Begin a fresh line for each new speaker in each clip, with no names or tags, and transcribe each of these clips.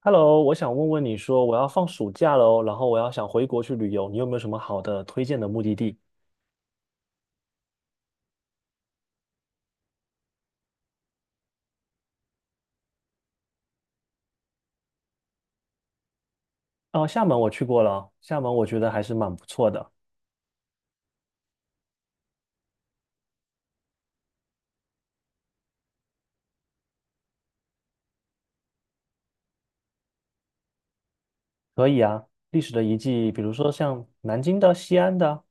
Hello，我想问你说我要放暑假喽，然后我要想回国去旅游，你有没有什么好的推荐的目的地？哦，厦门我去过了，厦门我觉得还是蛮不错的。可以啊，历史的遗迹，比如说像南京的、西安的。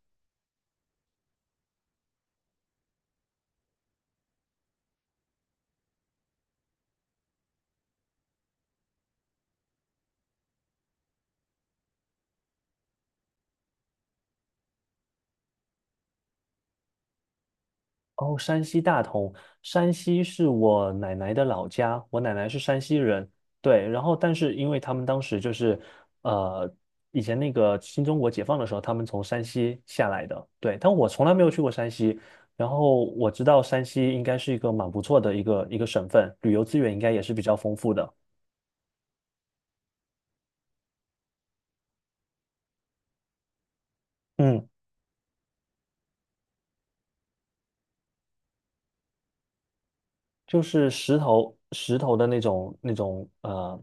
哦，山西大同，山西是我奶奶的老家，我奶奶是山西人。对，然后但是因为他们当时呃，以前那个新中国解放的时候，他们从山西下来的。对，但我从来没有去过山西，然后我知道山西应该是一个蛮不错的一个省份，旅游资源应该也是比较丰富的。嗯，就是石头的那种。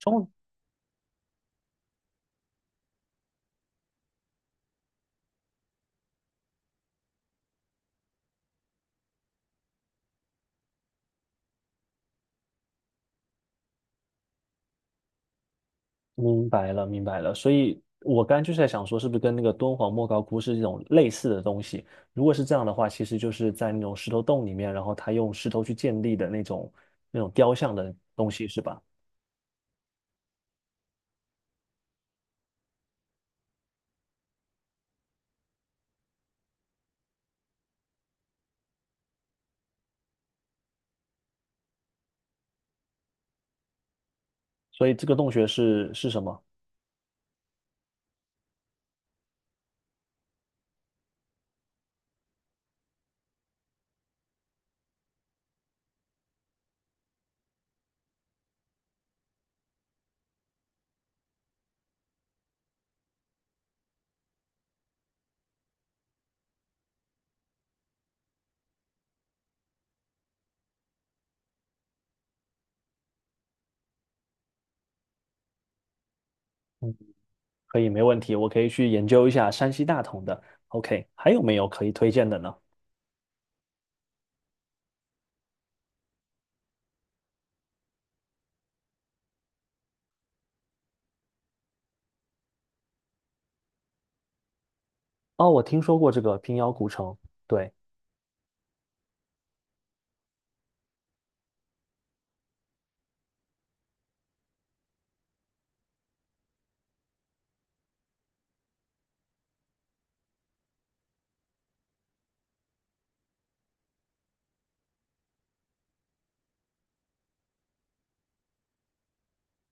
中明白了，明白了。所以我刚刚就是在想说，是不是跟那个敦煌莫高窟是这种类似的东西？如果是这样的话，其实就是在那种石头洞里面，然后他用石头去建立的那种雕像的东西，是吧？所以这个洞穴是什么？嗯，可以，没问题，我可以去研究一下山西大同的。OK，还有没有可以推荐的呢？哦，我听说过这个平遥古城，对。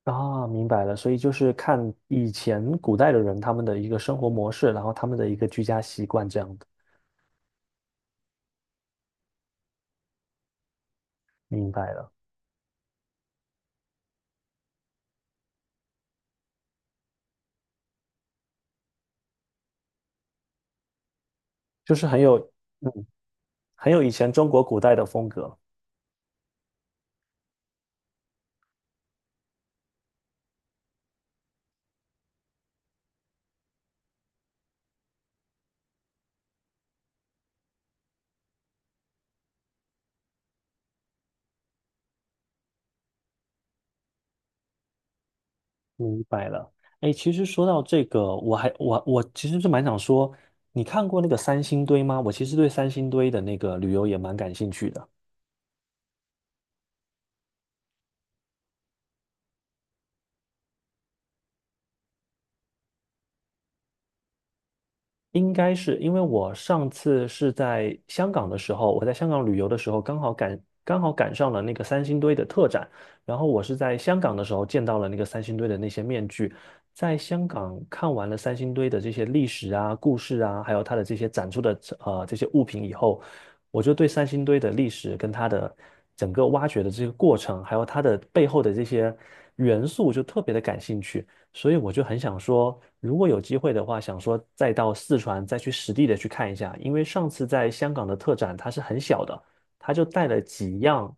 啊，明白了，所以就是看以前古代的人他们的一个生活模式，然后他们的一个居家习惯这样的。明白了，就是很有，嗯，很有以前中国古代的风格。明白了。哎，其实说到这个，我还我我其实是蛮想说，你看过那个三星堆吗？我其实对三星堆的那个旅游也蛮感兴趣的。应该是因为我上次是在香港的时候，我在香港旅游的时候，刚好赶上了那个三星堆的特展，然后我是在香港的时候见到了那个三星堆的那些面具。在香港看完了三星堆的这些历史啊、故事啊，还有它的这些展出的这些物品以后，我就对三星堆的历史跟它的整个挖掘的这个过程，还有它的背后的这些元素，就特别的感兴趣。所以我就很想说，如果有机会的话，想说再到四川再去实地的去看一下。因为上次在香港的特展它是很小的，它就带了几样，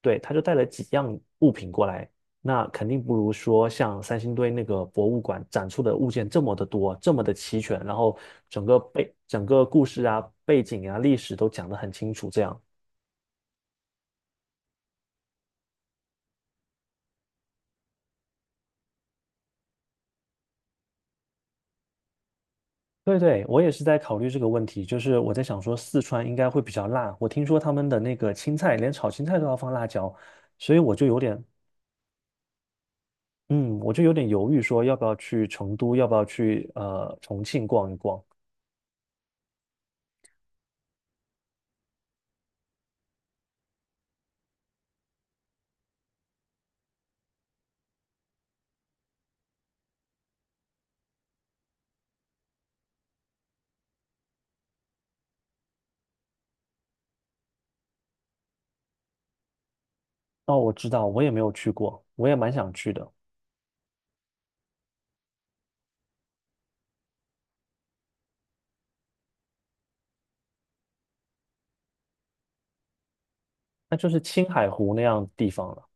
对，他就带了几样物品过来，那肯定不如说像三星堆那个博物馆展出的物件这么的多，这么的齐全，然后整个故事啊、背景啊、历史都讲得很清楚，这样。对对，我也是在考虑这个问题，就是我在想说四川应该会比较辣，我听说他们的那个青菜，连炒青菜都要放辣椒，所以我就有点，嗯，我就有点犹豫说要不要去成都，要不要去重庆逛一逛。哦，我知道，我也没有去过，我也蛮想去的，那就是青海湖那样地方了。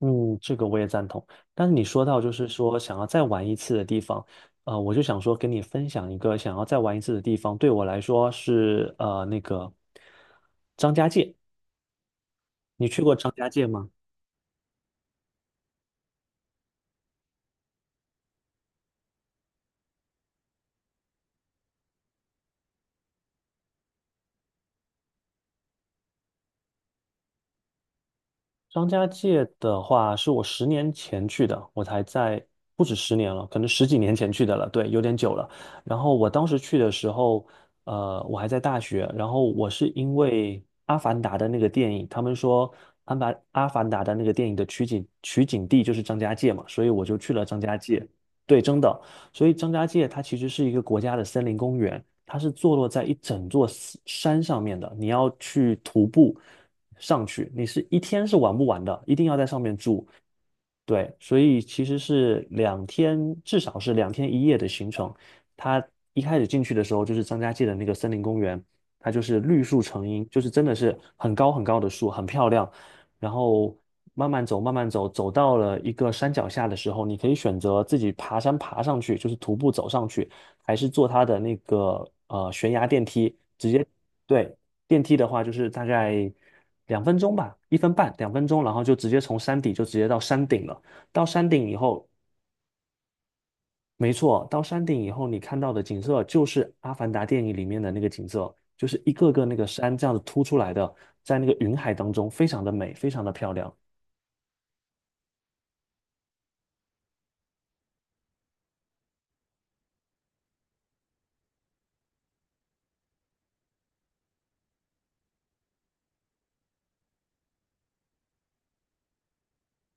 嗯，这个我也赞同。但是你说到就是说想要再玩一次的地方，我就想说跟你分享一个想要再玩一次的地方，对我来说是那个张家界。你去过张家界吗？张家界的话，是我十年前去的，我才在不止十年了，可能10几年前去的了，对，有点久了。然后我当时去的时候，我还在大学，然后我是因为《阿凡达》的那个电影，他们说阿凡达的那个电影的取景地就是张家界嘛，所以我就去了张家界。对，真的，所以张家界它其实是一个国家的森林公园，它是坐落在一整座山上面的，你要去徒步上去，你是一天是玩不完的，一定要在上面住。对，所以其实是两天，至少是2天1夜的行程。它一开始进去的时候，就是张家界的那个森林公园，它就是绿树成荫，就是真的是很高很高的树，很漂亮。然后慢慢走，慢慢走，走到了一个山脚下的时候，你可以选择自己爬山爬上去，就是徒步走上去，还是坐它的那个悬崖电梯，直接。对，电梯的话，就是大概两分钟吧，1分半，两分钟，然后就直接从山底就直接到山顶了。到山顶以后，没错，到山顶以后，你看到的景色就是《阿凡达》电影里面的那个景色，就是一个个那个山这样子凸出来的，在那个云海当中，非常的美，非常的漂亮。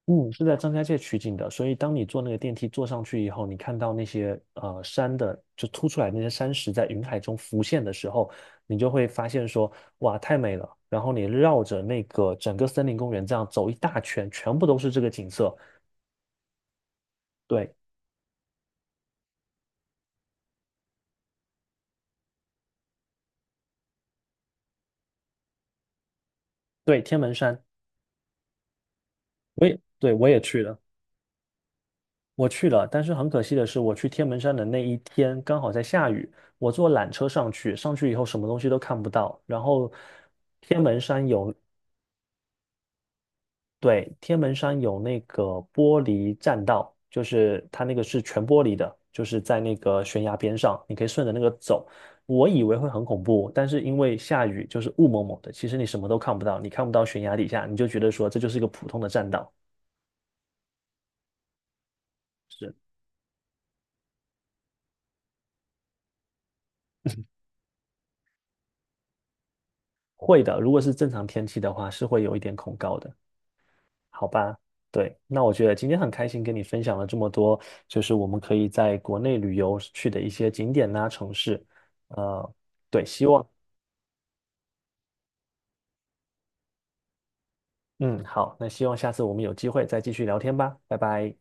嗯，是在张家界取景的，所以当你坐那个电梯坐上去以后，你看到那些山的就凸出来那些山石在云海中浮现的时候，你就会发现说，哇，太美了。然后你绕着那个整个森林公园这样走一大圈，全部都是这个景色。对对，天门山，我也去了，我去了，但是很可惜的是，我去天门山的那一天刚好在下雨，我坐缆车上去，上去以后什么东西都看不到，然后天门山有对，天门山有那个玻璃栈道，就是它那个是全玻璃的，就是在那个悬崖边上，你可以顺着那个走。我以为会很恐怖，但是因为下雨，就是雾蒙蒙的，其实你什么都看不到，你看不到悬崖底下，你就觉得说这就是一个普通的栈道。是会的，如果是正常天气的话，是会有一点恐高的，好吧？对，那我觉得今天很开心跟你分享了这么多，就是我们可以在国内旅游去的一些景点呐、城市。呃，对，希望。嗯，好，那希望下次我们有机会再继续聊天吧，拜拜。